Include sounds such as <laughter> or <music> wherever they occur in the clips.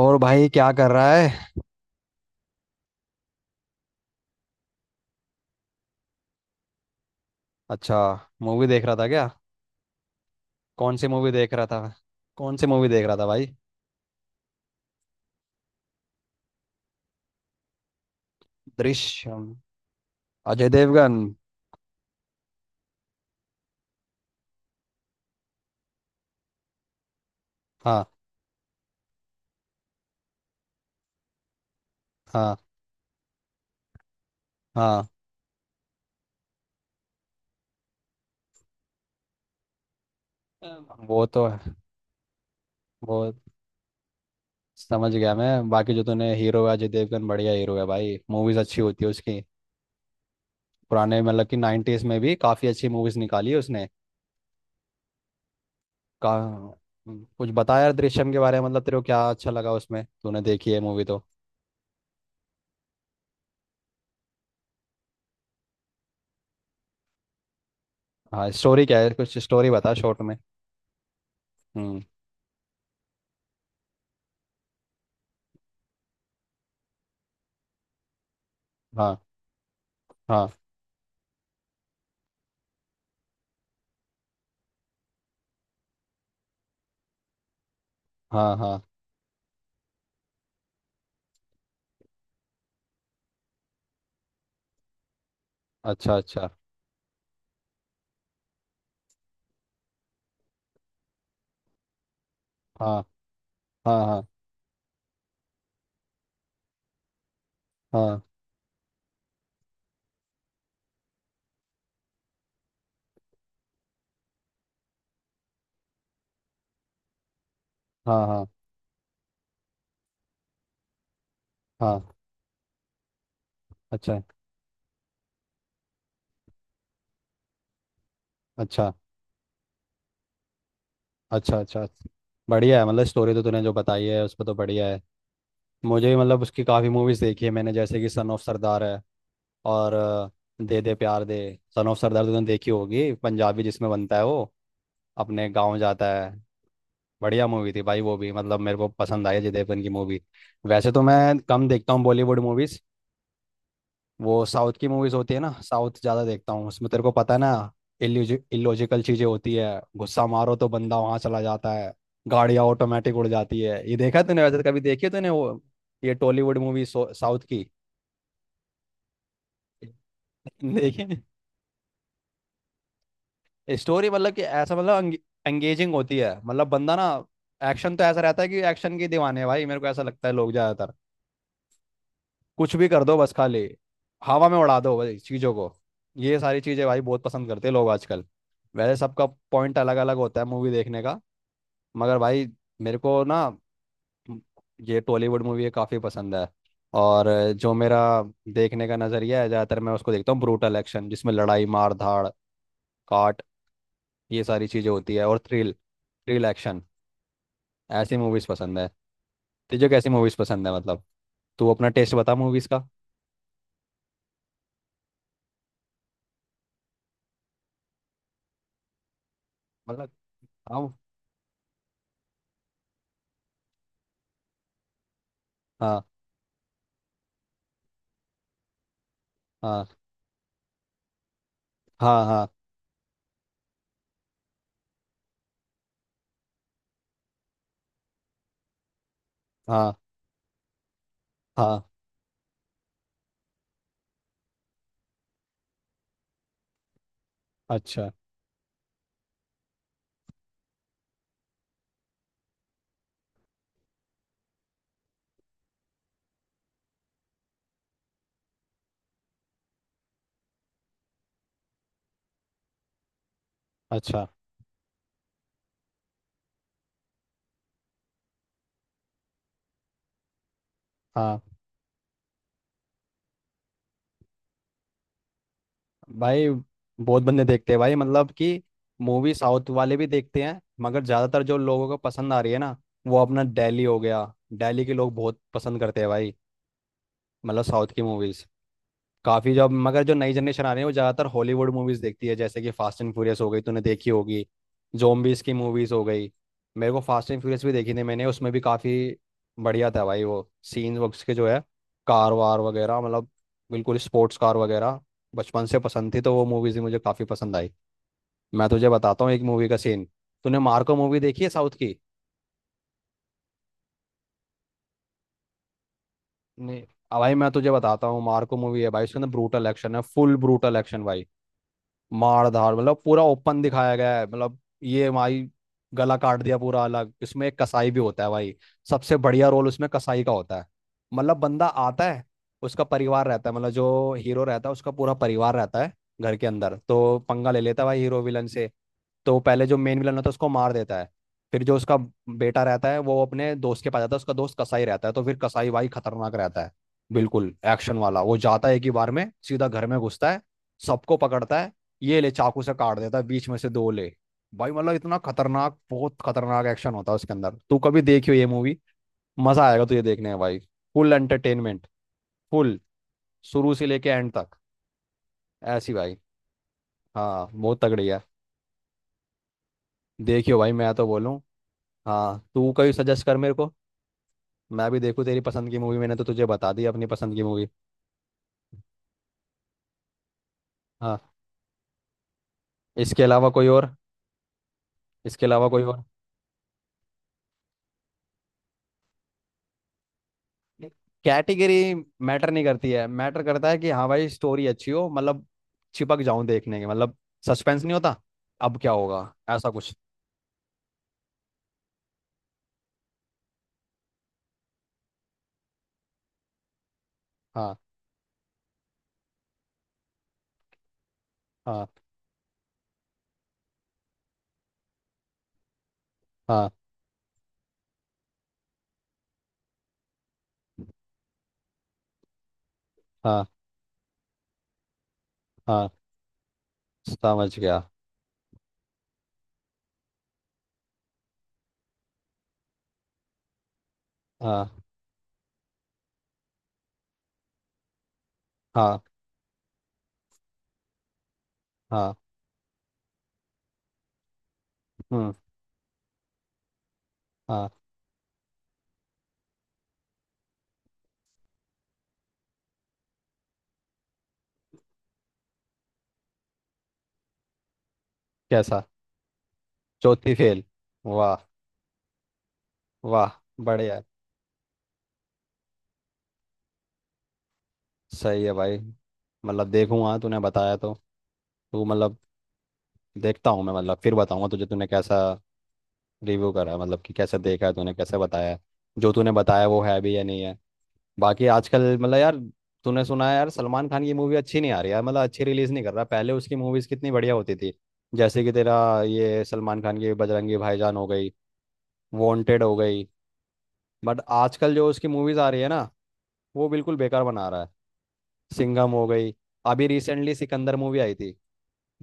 और भाई क्या कर रहा है। अच्छा। मूवी देख रहा था क्या? कौन सी मूवी देख रहा था? कौन सी मूवी देख रहा था भाई? दृश्यम। अजय देवगन। हाँ हाँ हाँ। वो तो है। वो समझ गया मैं। बाकी जो तूने, हीरो है अजय देवगन, बढ़िया हीरो है भाई। मूवीज अच्छी होती है उसकी। पुराने मतलब कि नाइन्टीज में भी काफी अच्छी मूवीज निकाली है उसने। का कुछ बता यार दृश्यम के बारे में। मतलब तेरे को क्या अच्छा लगा उसमें, तूने देखी है मूवी तो। हाँ स्टोरी क्या है, कुछ स्टोरी बता शॉर्ट में। हम्म। हाँ हाँ। हाँ हाँ। अच्छा अच्छा। हाँ हाँ। हाँ हाँ। हाँ हाँ हाँ। अच्छा अच्छा। अच्छा अच्छा। बढ़िया है, मतलब स्टोरी तो तूने जो बताई है उस पर तो बढ़िया है। मुझे भी मतलब उसकी काफ़ी मूवीज़ देखी है मैंने, जैसे कि सन ऑफ सरदार है। और दे दे प्यार दे। सन ऑफ सरदार तो तूने देखी होगी, पंजाबी जिसमें बनता है वो, अपने गांव जाता है। बढ़िया मूवी थी भाई वो भी, मतलब मेरे को पसंद आई अजय देवगन की मूवी। वैसे तो मैं कम देखता हूँ बॉलीवुड मूवीज़। वो साउथ की मूवीज होती है ना, साउथ ज्यादा देखता हूँ, उसमें तेरे को पता है ना। इलॉजिकल चीजें होती है। गुस्सा मारो तो बंदा वहां चला जाता है। गाड़ियां ऑटोमेटिक उड़ जाती है, ये देखा तूने? वैसे कभी देखी है तूने वो, ये टॉलीवुड मूवी साउथ की? <laughs> देखिए, स्टोरी मतलब कि ऐसा, मतलब एंगेजिंग होती है। मतलब बंदा ना, एक्शन तो ऐसा रहता है कि एक्शन के दीवाने हैं भाई, मेरे को ऐसा लगता है लोग ज्यादातर। कुछ भी कर दो बस खाली हवा में उड़ा दो भाई चीज़ों को। ये सारी चीज़ें भाई बहुत पसंद करते हैं लोग आजकल। वैसे सबका पॉइंट अलग अलग होता है मूवी देखने का। मगर भाई मेरे को ना, म- ये टॉलीवुड मूवी काफ़ी पसंद है। और जो मेरा देखने का नज़रिया है ज़्यादातर मैं उसको देखता हूँ, ब्रूटल एक्शन जिसमें लड़ाई, मार धाड़, काट, ये सारी चीज़ें होती है और थ्रिल, थ्रिल एक्शन, ऐसी मूवीज़ पसंद है। तुझे कैसी मूवीज़ पसंद है मतलब? तू अपना टेस्ट बता मूवीज़ का। मतलब हाँ हाँ। हाँ हाँ। हाँ हाँ हाँ। अच्छा अच्छा। हाँ भाई बहुत बंदे देखते हैं भाई, मतलब कि मूवी साउथ वाले भी देखते हैं, मगर ज़्यादातर जो लोगों को पसंद आ रही है ना, वो अपना दिल्ली हो गया। दिल्ली के लोग बहुत पसंद करते हैं भाई, मतलब साउथ की मूवीज काफी जॉब। मगर जो नई जनरेशन आ रही है वो ज्यादातर हॉलीवुड मूवीज देखती है, जैसे कि फास्ट एंड फ्यूरियस हो गई, तूने देखी होगी, जोम्बीज की मूवीज हो गई। मेरे को फास्ट एंड फ्यूरियस भी देखी थी मैंने, उसमें भी काफी बढ़िया था भाई। वो सीन्स उसके जो है, कार वार वगैरह मतलब, बिल्कुल स्पोर्ट्स कार वगैरह बचपन से पसंद थी, तो वो मूवीज भी मुझे काफी पसंद आई। मैं तुझे बताता हूँ एक मूवी का सीन। तूने मार्को मूवी देखी है साउथ की? नहीं? अब भाई मैं तुझे बताता हूँ, मार्को मूवी है भाई, उसके अंदर ब्रूटल एक्शन है, फुल ब्रूटल एक्शन भाई, मार धाड़, मतलब पूरा ओपन दिखाया गया है, मतलब ये भाई गला काट दिया, पूरा अलग। इसमें एक कसाई भी होता है भाई, सबसे बढ़िया रोल उसमें कसाई का होता है। मतलब बंदा आता है, उसका परिवार रहता है, मतलब जो हीरो रहता है उसका पूरा परिवार रहता है। घर के अंदर तो पंगा ले लेता है भाई हीरो विलन से। तो पहले जो मेन विलन होता है उसको मार देता है। फिर जो उसका बेटा रहता है वो अपने दोस्त के पास जाता है, उसका दोस्त कसाई रहता है, तो फिर कसाई भाई खतरनाक रहता है। बिल्कुल एक्शन वाला, वो जाता है एक ही बार में सीधा घर में घुसता है, सबको पकड़ता है, ये ले चाकू से काट देता है बीच में से, दो ले। भाई मतलब इतना खतरनाक, बहुत खतरनाक एक्शन होता है उसके अंदर। तू कभी देखियो ये मूवी, मजा आएगा तुझे देखने में भाई। फुल एंटरटेनमेंट, फुल, शुरू से लेके एंड तक, ऐसी भाई। हाँ बहुत तगड़ी है, देखियो भाई मैं तो बोलूँ। हाँ तू कभी सजेस्ट कर मेरे को, मैं भी देखूँ तेरी पसंद की मूवी, मैंने तो तुझे बता दी अपनी पसंद की मूवी। हाँ। इसके अलावा कोई और? इसके अलावा कोई और? कैटेगरी मैटर नहीं करती है, मैटर करता है कि हाँ भाई स्टोरी अच्छी हो, मतलब चिपक जाऊं देखने के, मतलब सस्पेंस नहीं होता, अब क्या होगा, ऐसा कुछ। हाँ हाँ। हाँ हाँ हाँ। समझ गया। हाँ हाँ हाँ। हम्म। हाँ। कैसा? चौथी फेल? वाह। वाह। बढ़िया। सही है भाई, मतलब देखूंगा तूने बताया तो। तू मतलब, देखता हूँ मैं, मतलब फिर बताऊंगा तुझे तूने कैसा रिव्यू करा, मतलब कि कैसे देखा है, तूने कैसे बताया है, जो तूने बताया वो है भी या नहीं है। बाकी आजकल मतलब यार, तूने सुना है यार सलमान खान की मूवी अच्छी नहीं आ रही यार, मतलब अच्छी रिलीज नहीं कर रहा। पहले उसकी मूवीज कितनी बढ़िया होती थी, जैसे कि तेरा ये सलमान खान की बजरंगी भाईजान हो गई, वांटेड हो गई। बट आजकल जो उसकी मूवीज आ रही है ना, वो बिल्कुल बेकार बना रहा है। सिंघम हो गई, अभी रिसेंटली सिकंदर मूवी आई थी,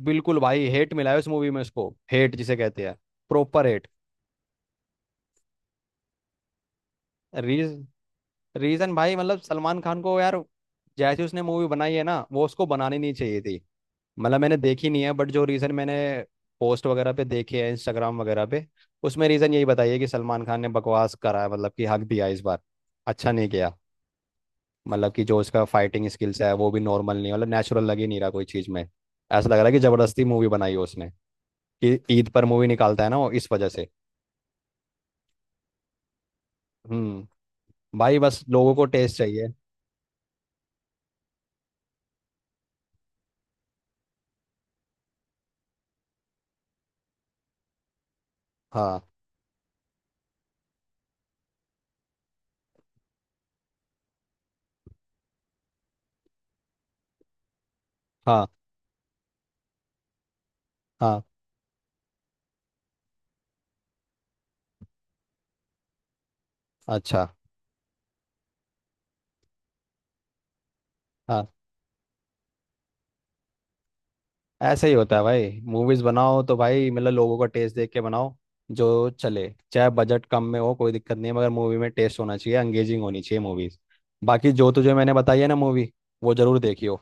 बिल्कुल भाई हेट मिला है उस मूवी में उसको, हेट जिसे कहते हैं प्रॉपर हेट। रीज रीजन भाई मतलब, सलमान खान को यार जैसी उसने मूवी बनाई है ना वो उसको बनानी नहीं चाहिए थी। मतलब मैंने देखी नहीं है बट जो रीजन मैंने पोस्ट वगैरह पे देखे हैं इंस्टाग्राम वगैरह पे, उसमें रीजन यही बताइए कि सलमान खान ने बकवास करा है, मतलब कि हक दिया इस बार, अच्छा नहीं किया। मतलब कि जो उसका फाइटिंग स्किल्स है वो भी नॉर्मल नहीं, मतलब नेचुरल लग ही नहीं रहा कोई चीज़ में, ऐसा लग रहा है कि जबरदस्ती मूवी बनाई है उसने, कि ईद पर मूवी निकालता है ना वो, इस वजह से। हम्म। भाई बस लोगों को टेस्ट चाहिए। हाँ हाँ। हाँ। अच्छा। हाँ ऐसे ही होता है भाई, मूवीज बनाओ तो भाई मतलब लोगों का टेस्ट देख के बनाओ, जो चले, चाहे बजट कम में हो कोई दिक्कत नहीं है, मगर मूवी में टेस्ट होना चाहिए, एंगेजिंग होनी चाहिए मूवीज। बाकी जो तुझे मैंने बताई है ना मूवी, वो जरूर देखियो।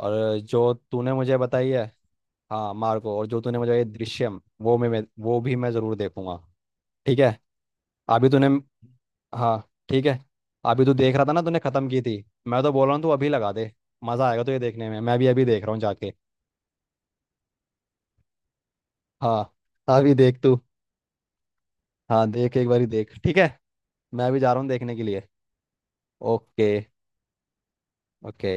और जो तूने मुझे बताई है हाँ मार्को, और जो तूने मुझे ये दृश्यम, वो वो भी मैं जरूर देखूंगा। ठीक है। अभी तूने, हाँ ठीक है, अभी तू देख रहा था ना, तूने खत्म की थी। मैं तो बोल रहा हूँ तू अभी लगा दे, मजा आएगा तो ये देखने में, मैं भी अभी देख रहा हूँ जाके। हाँ अभी देख तू। हाँ देख एक बारी देख, ठीक है, मैं भी जा रहा हूँ देखने के लिए। ओके। ओके।